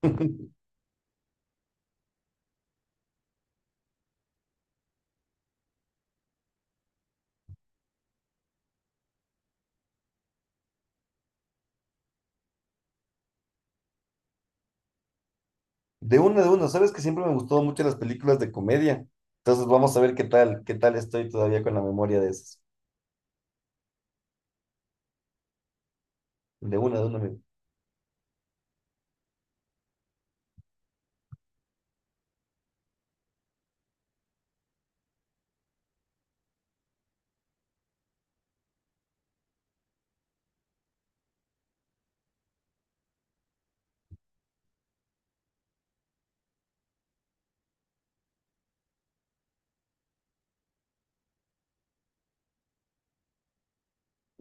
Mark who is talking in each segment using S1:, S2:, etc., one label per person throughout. S1: De una, de una, Sabes que siempre me gustó mucho las películas de comedia. Entonces vamos a ver qué tal estoy todavía con la memoria de esas. De una, de una, amigo.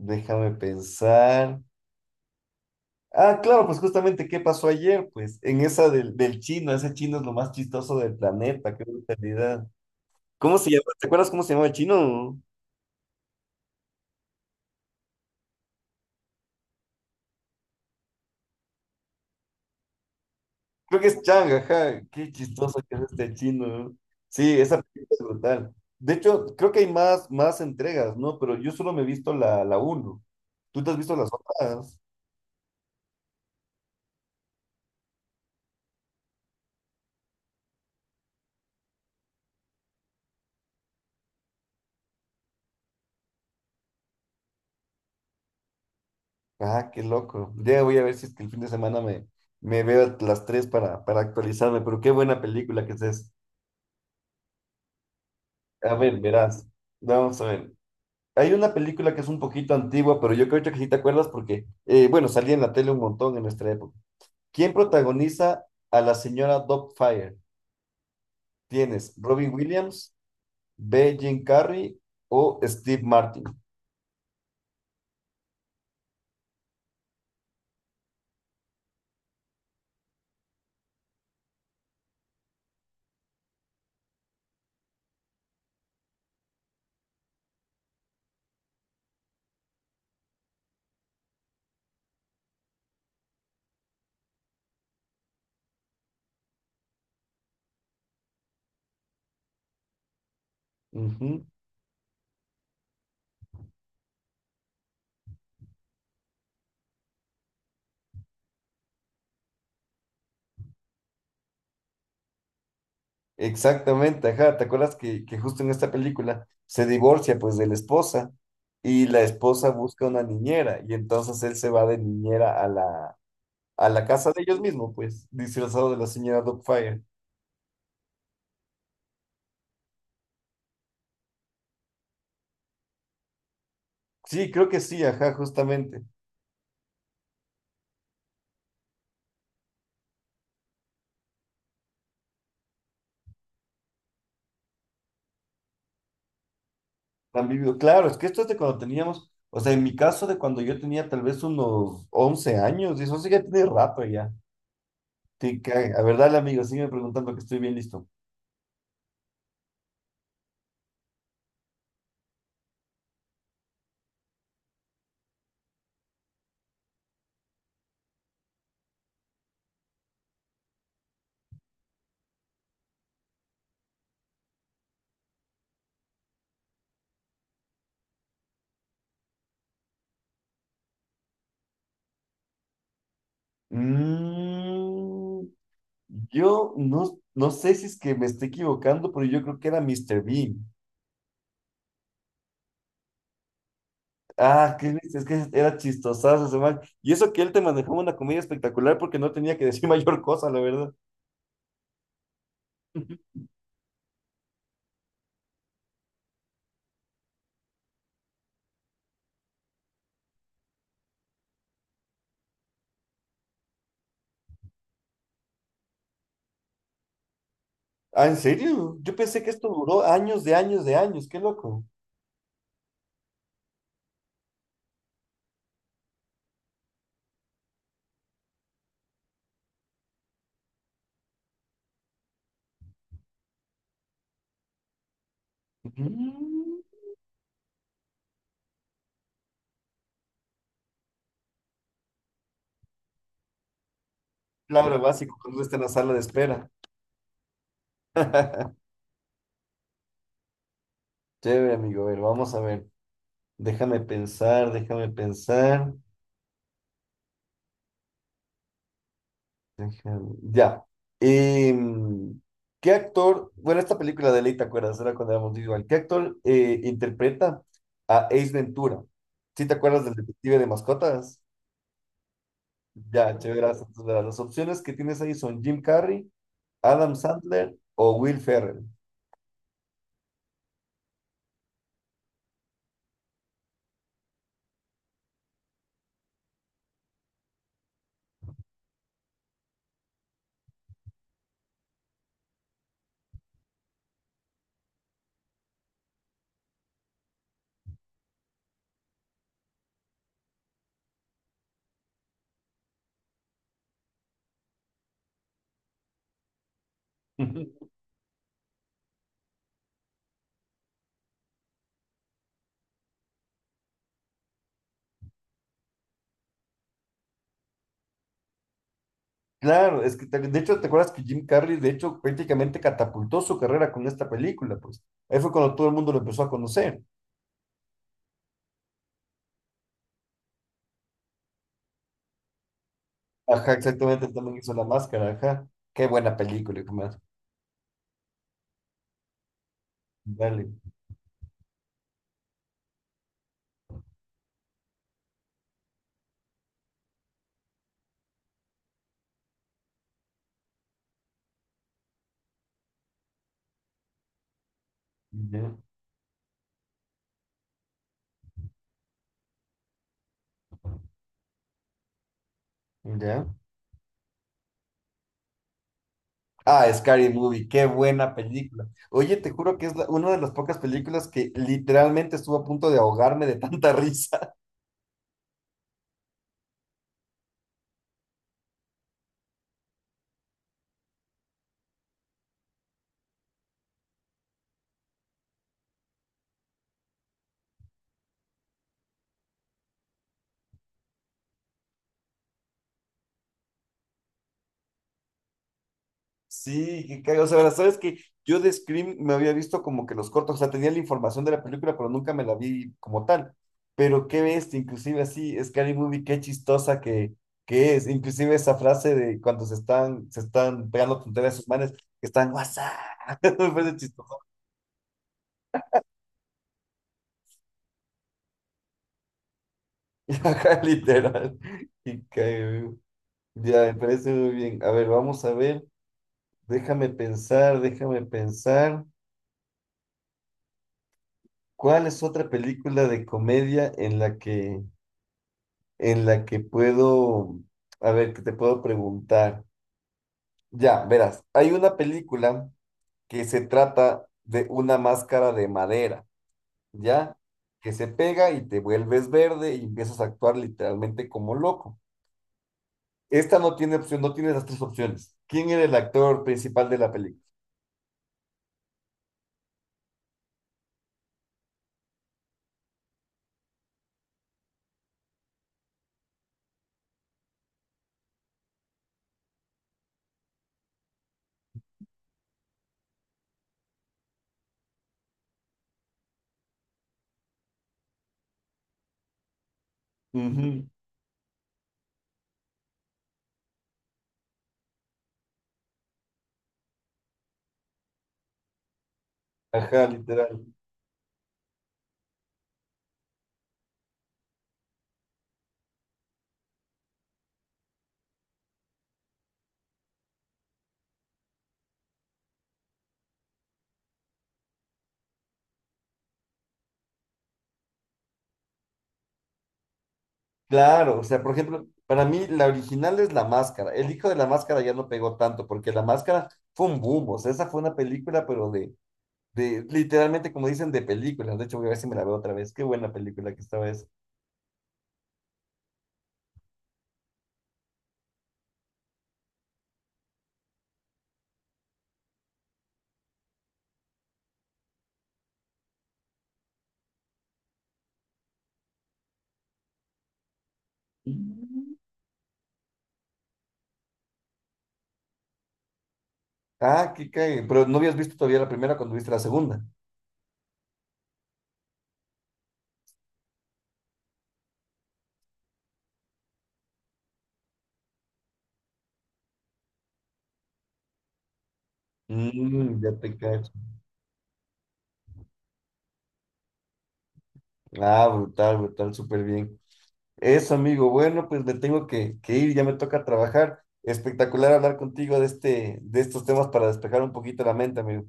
S1: Déjame pensar. Ah, claro, pues justamente qué pasó ayer, pues en esa del chino. Ese chino es lo más chistoso del planeta, qué brutalidad. ¿Cómo se llama? ¿Te acuerdas cómo se llamaba el chino? Creo que es Chang, ajá. Qué chistoso que es este chino, ¿no? Sí, esa película es brutal. De hecho, creo que hay más, más entregas, ¿no? Pero yo solo me he visto la uno. ¿Tú te has visto las otras? Ah, qué loco. Ya voy a ver si es que el fin de semana me veo las tres para actualizarme, pero qué buena película que es esa. A ver, verás. Vamos a ver. Hay una película que es un poquito antigua, pero yo creo que sí te acuerdas porque, bueno, salía en la tele un montón en nuestra época. ¿Quién protagoniza a la señora Fire? Tienes Robin Williams, B. Jim Carrey o Steve Martin. Ujú. Exactamente, ajá, ¿te acuerdas que justo en esta película se divorcia pues de la esposa y la esposa busca una niñera y entonces él se va de niñera a a la casa de ellos mismos, pues, disfrazado de la señora Dogfire. Sí, creo que sí, ajá, justamente. Han vivido, claro, es que esto es de cuando teníamos, o sea, en mi caso de cuando yo tenía tal vez unos 11 años y eso sí que tiene rato ya. Te cae. A ver, dale amigo, sígueme preguntando que estoy bien listo. Mm, Yo no sé si es que me estoy equivocando, pero yo creo que era Mr. Bean. Ah, qué lindo, es que era chistosazo ese man. Y eso que él te manejaba una comedia espectacular porque no tenía que decir mayor cosa, la verdad. Ah, ¿en serio? Yo pensé que esto duró años de años de años, qué loco. Ujú. Claro, básico, cuando uno está en la sala de espera. Chévere, amigo, a ver, vamos a ver. Déjame pensar, déjame pensar. Tottenham. Ya. Em, ¿Qué actor? Bueno, esta película de ley, ¿te acuerdas? Era cuando éramos igual. ¿Qué actor interpreta a Ace Ventura? ¿Sí te acuerdas del detective de mascotas? Ya, chévere, gracias. Entonces, las opciones que tienes ahí son Jim Carrey, Adam Sandler o Will Ferrell. Claro, es que de hecho, ¿te acuerdas que Jim Carrey, de hecho, prácticamente catapultó su carrera con esta película? Pues ahí fue cuando todo el mundo lo empezó a conocer. Ajá, exactamente, él también hizo la máscara, ajá. Qué buena película, hijo mío. Dale. Ya, ya. Ah, Scary Movie, qué buena película. Oye, te juro que es una de las pocas películas que literalmente estuvo a punto de ahogarme de tanta risa. Sí, que cago. O sea, sabes que yo de Scream me había visto como que los cortos, o sea, tenía la información de la película, pero nunca me la vi como tal. Pero qué bestia, inclusive así, Scary Movie, qué chistosa que es. Inclusive esa frase de cuando se están pegando tonterías a sus manes, que están WhatsApp. Ajá, literal. Y cae, güey. Ya, me parece muy bien. A ver, vamos a ver. Déjame pensar, déjame pensar. ¿Cuál es otra película de comedia en en la que puedo, a ver, que te puedo preguntar? Ya, verás, hay una película que se trata de una máscara de madera, ¿ya? Que se pega y te vuelves verde y empiezas a actuar literalmente como loco. Esta no tiene opción, no tiene las tres opciones. ¿Quién era el actor principal de la película? Ujú. Ajá, literal. Claro, o sea, por ejemplo, para mí la original es La Máscara. El hijo de La Máscara ya no pegó tanto porque La Máscara fue un boom, o sea, esa fue una película, pero de literalmente, como dicen, de películas. De hecho, voy a ver si me la veo otra vez. Qué buena película que estaba esa. Ah, qué cae. Pero no habías visto todavía la primera cuando viste la segunda. Mm, ya te cacho. Ah, brutal, brutal, súper bien. Eso, amigo. Bueno, pues me tengo que ir, ya me toca trabajar. Espectacular hablar contigo de de estos temas para despejar un poquito la mente, amigo.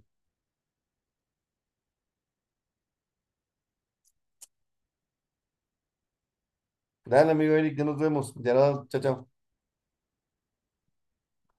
S1: Dale, amigo Eric, ya nos vemos. Ya nos, chao, chao.